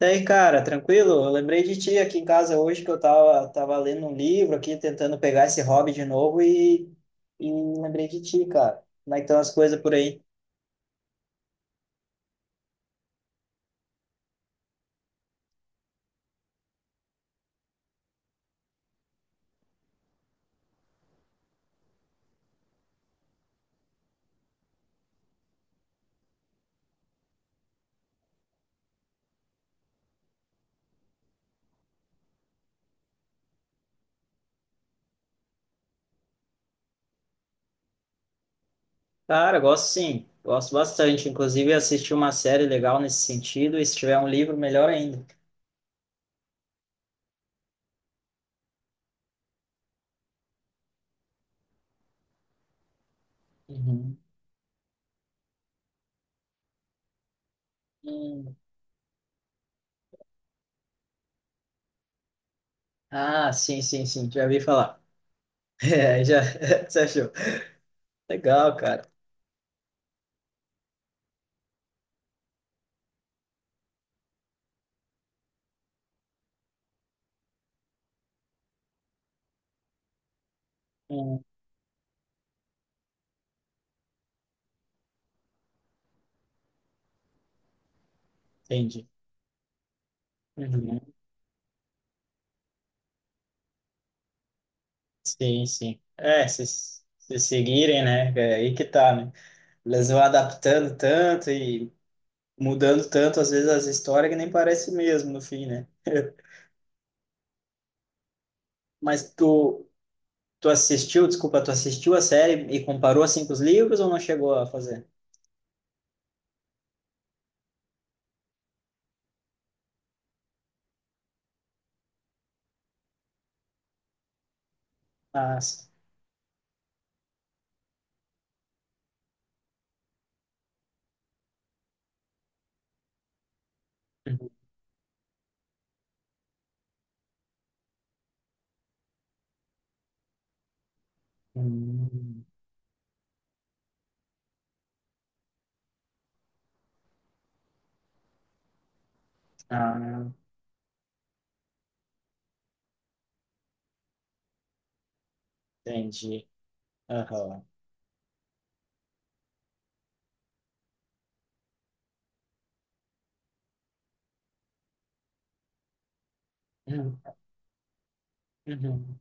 E aí, cara, tranquilo? Eu lembrei de ti aqui em casa hoje que eu tava lendo um livro aqui, tentando pegar esse hobby de novo e lembrei de ti, cara. Como é que estão as coisas por aí? Cara, gosto sim, gosto bastante. Inclusive, assisti uma série legal nesse sentido e se tiver um livro, melhor ainda. Uhum. Hum. Ah, sim, sim, sim, já ouvi falar. É, já, você achou. Legal, cara. Hum, entendi. Uhum. Sim, sim. É, se seguirem, né? É aí que tá, né? Eles vão adaptando tanto e mudando tanto, às vezes, as histórias que nem parece mesmo no fim, né? Mas tu assistiu, desculpa, tu assistiu a série e comparou assim com os livros ou não chegou a fazer? Ah, Uhum. Ah, entendi. Aham. Uhum. Uhum.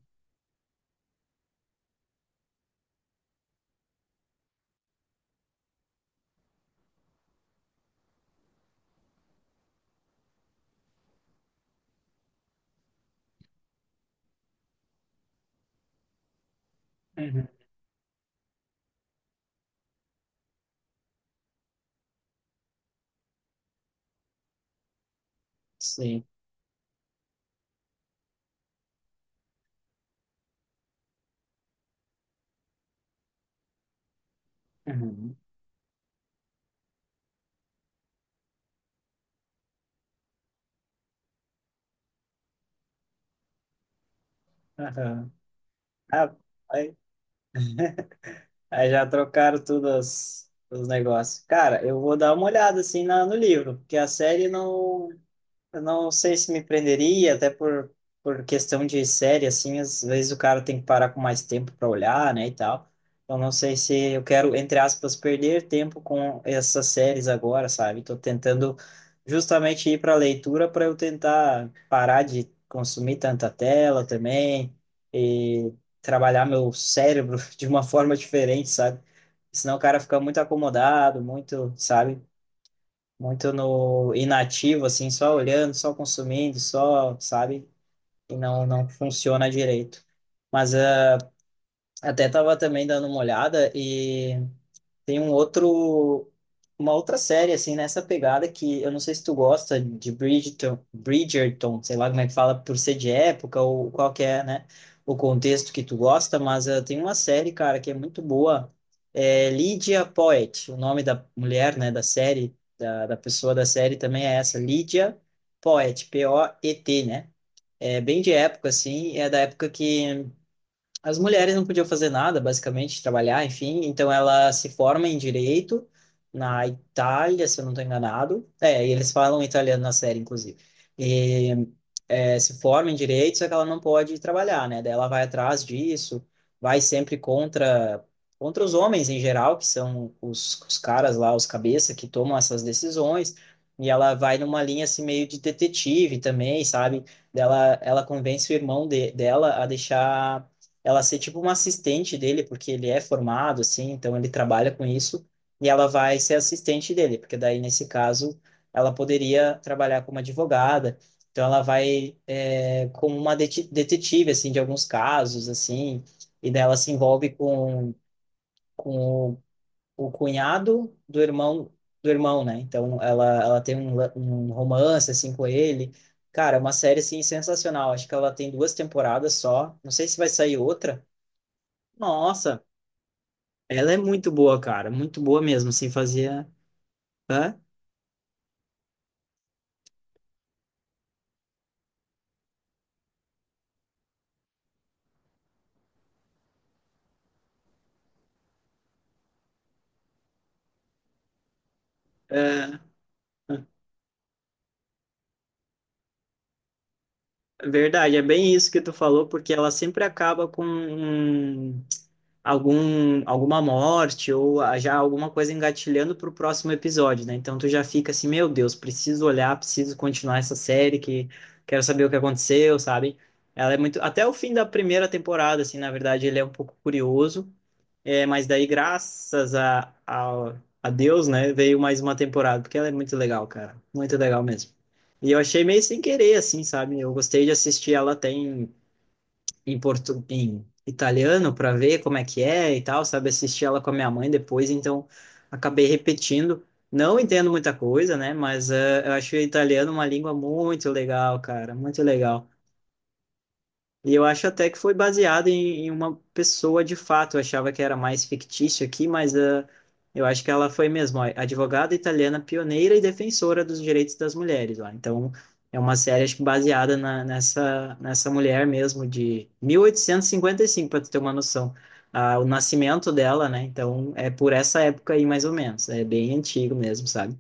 Uhum. Sim. Uhum. Aham. Ah, aí, aí já trocaram tudo os negócios. Cara, eu vou dar uma olhada assim no livro, porque a série não. Eu não sei se me prenderia, até por questão de série, assim, às vezes o cara tem que parar com mais tempo para olhar, né, e tal. Eu não sei se eu quero, entre aspas, perder tempo com essas séries agora, sabe? Tô tentando justamente ir para leitura para eu tentar parar de consumir tanta tela também e trabalhar meu cérebro de uma forma diferente, sabe? Senão o cara fica muito acomodado, muito, sabe? Muito no inativo, assim, só olhando, só consumindo, só, sabe? E não, não funciona direito. Mas até tava também dando uma olhada e tem um outro, uma outra série, assim, nessa pegada que eu não sei se tu gosta de Bridgerton, Bridgerton, sei lá como é que fala, por ser de época ou qual que é, né, o contexto que tu gosta, mas tem uma série, cara, que é muito boa, é Lydia Poet, o nome da mulher, né, da série, da pessoa da série também é essa, Lydia Poet, Poet, né, é bem de época, assim, é da época que as mulheres não podiam fazer nada, basicamente, trabalhar, enfim. Então ela se forma em direito na Itália, se eu não estou enganado. É, e eles falam italiano na série, inclusive. E se forma em direito, só que ela não pode trabalhar, né? Daí ela vai atrás disso, vai sempre contra os homens em geral, que são os caras lá, os cabeça, que tomam essas decisões. E ela vai numa linha assim meio de detetive também, sabe? Ela convence o irmão dela a deixar ela ser tipo uma assistente dele, porque ele é formado, assim, então ele trabalha com isso, e ela vai ser assistente dele, porque daí, nesse caso, ela poderia trabalhar como advogada, então ela vai como uma detetive, assim, de alguns casos, assim, e daí ela se envolve com o cunhado do irmão, né? Então ela tem um romance, assim, com ele, cara, é uma série assim sensacional. Acho que ela tem duas temporadas só. Não sei se vai sair outra, nossa, ela é muito boa, cara, muito boa mesmo, assim, fazia, hã? É, é verdade, é bem isso que tu falou, porque ela sempre acaba com alguma morte ou já alguma coisa engatilhando pro próximo episódio, né? Então tu já fica assim, meu Deus, preciso olhar, preciso continuar essa série, que quero saber o que aconteceu, sabe? Ela é muito, até o fim da primeira temporada, assim, na verdade, ele é um pouco curioso. É, mas daí, graças a Deus, né, veio mais uma temporada, porque ela é muito legal, cara. Muito legal mesmo. E eu achei meio sem querer, assim, sabe? Eu gostei de assistir ela até em italiano, para ver como é que é e tal, sabe? Assisti ela com a minha mãe depois, então acabei repetindo. Não entendo muita coisa, né, mas eu achei o italiano uma língua muito legal, cara. Muito legal. E eu acho até que foi baseado em uma pessoa de fato. Eu achava que era mais fictício aqui, mas eu acho que ela foi mesmo, ó, advogada italiana pioneira e defensora dos direitos das mulheres lá. Então, é uma série acho que baseada nessa mulher mesmo, de 1855, para tu ter uma noção. Ah, o nascimento dela, né? Então, é por essa época aí, mais ou menos. É bem antigo mesmo, sabe?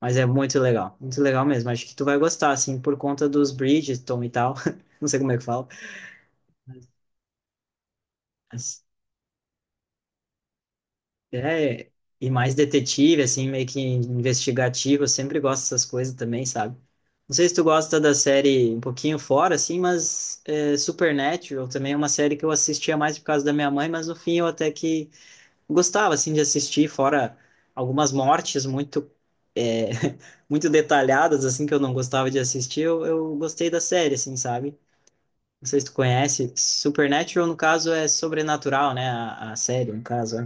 Mas é muito legal mesmo. Acho que tu vai gostar, assim, por conta dos Bridgerton e tal. Não sei como é que fala. É, e mais detetive, assim, meio que investigativo, eu sempre gosto dessas coisas também, sabe? Não sei se tu gosta da série um pouquinho fora, assim, mas é, Supernatural também é uma série que eu assistia mais por causa da minha mãe, mas no fim eu até que gostava, assim, de assistir, fora algumas mortes muito, é, muito detalhadas, assim, que eu não gostava de assistir, eu gostei da série, assim, sabe? Não sei se tu conhece. Supernatural, no caso, é sobrenatural, né? A série, no caso,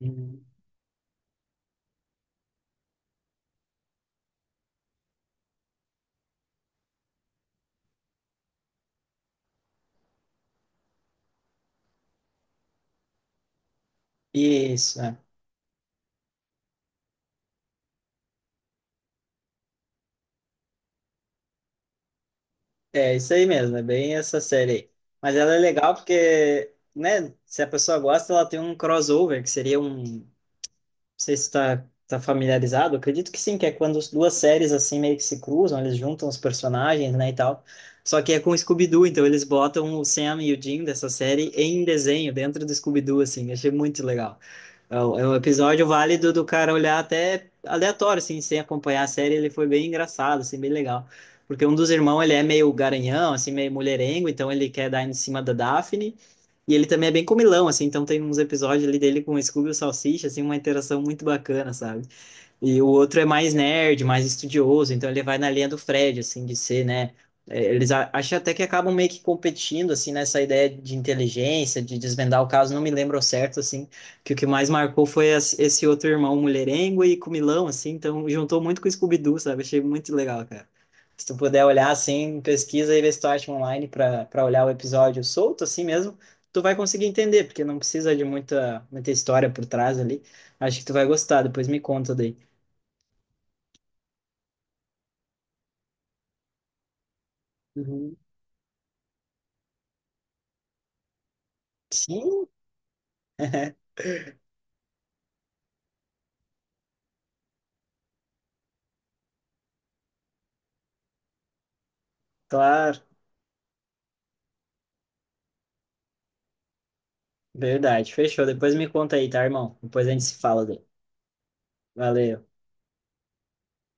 é. Isso, é. É isso aí mesmo, é bem essa série aí. Mas ela é legal porque, né, se a pessoa gosta, ela tem um crossover, que seria um, sei se está tá familiarizado, acredito que sim, que é quando as duas séries assim meio que se cruzam, eles juntam os personagens, né, e tal. Só que é com o Scooby-Doo, então eles botam o Sam e o Jim dessa série em desenho, dentro do Scooby-Doo, assim, achei muito legal. É um episódio válido do cara olhar até aleatório, assim, sem acompanhar a série, ele foi bem engraçado, assim, bem legal. Porque um dos irmãos, ele é meio garanhão, assim, meio mulherengo, então ele quer dar em cima da Daphne, e ele também é bem comilão, assim, então tem uns episódios ali dele com o Scooby e o Salsicha, assim, uma interação muito bacana, sabe? E o outro é mais nerd, mais estudioso, então ele vai na linha do Fred, assim, de ser, né? É, acho até que acabam meio que competindo, assim, nessa ideia de inteligência, de desvendar o caso, não me lembro ao certo, assim, que o que mais marcou foi esse outro irmão mulherengo e comilão, assim, então juntou muito com o Scooby-Doo, sabe? Achei muito legal, cara. Se tu puder olhar, assim, pesquisa e vê se tu acha online para olhar o episódio solto, assim mesmo, tu vai conseguir entender, porque não precisa de muita, muita história por trás ali. Acho que tu vai gostar, depois me conta daí. Uhum. Sim, claro. Verdade. Fechou. Depois me conta aí, tá, irmão? Depois a gente se fala daí. Valeu.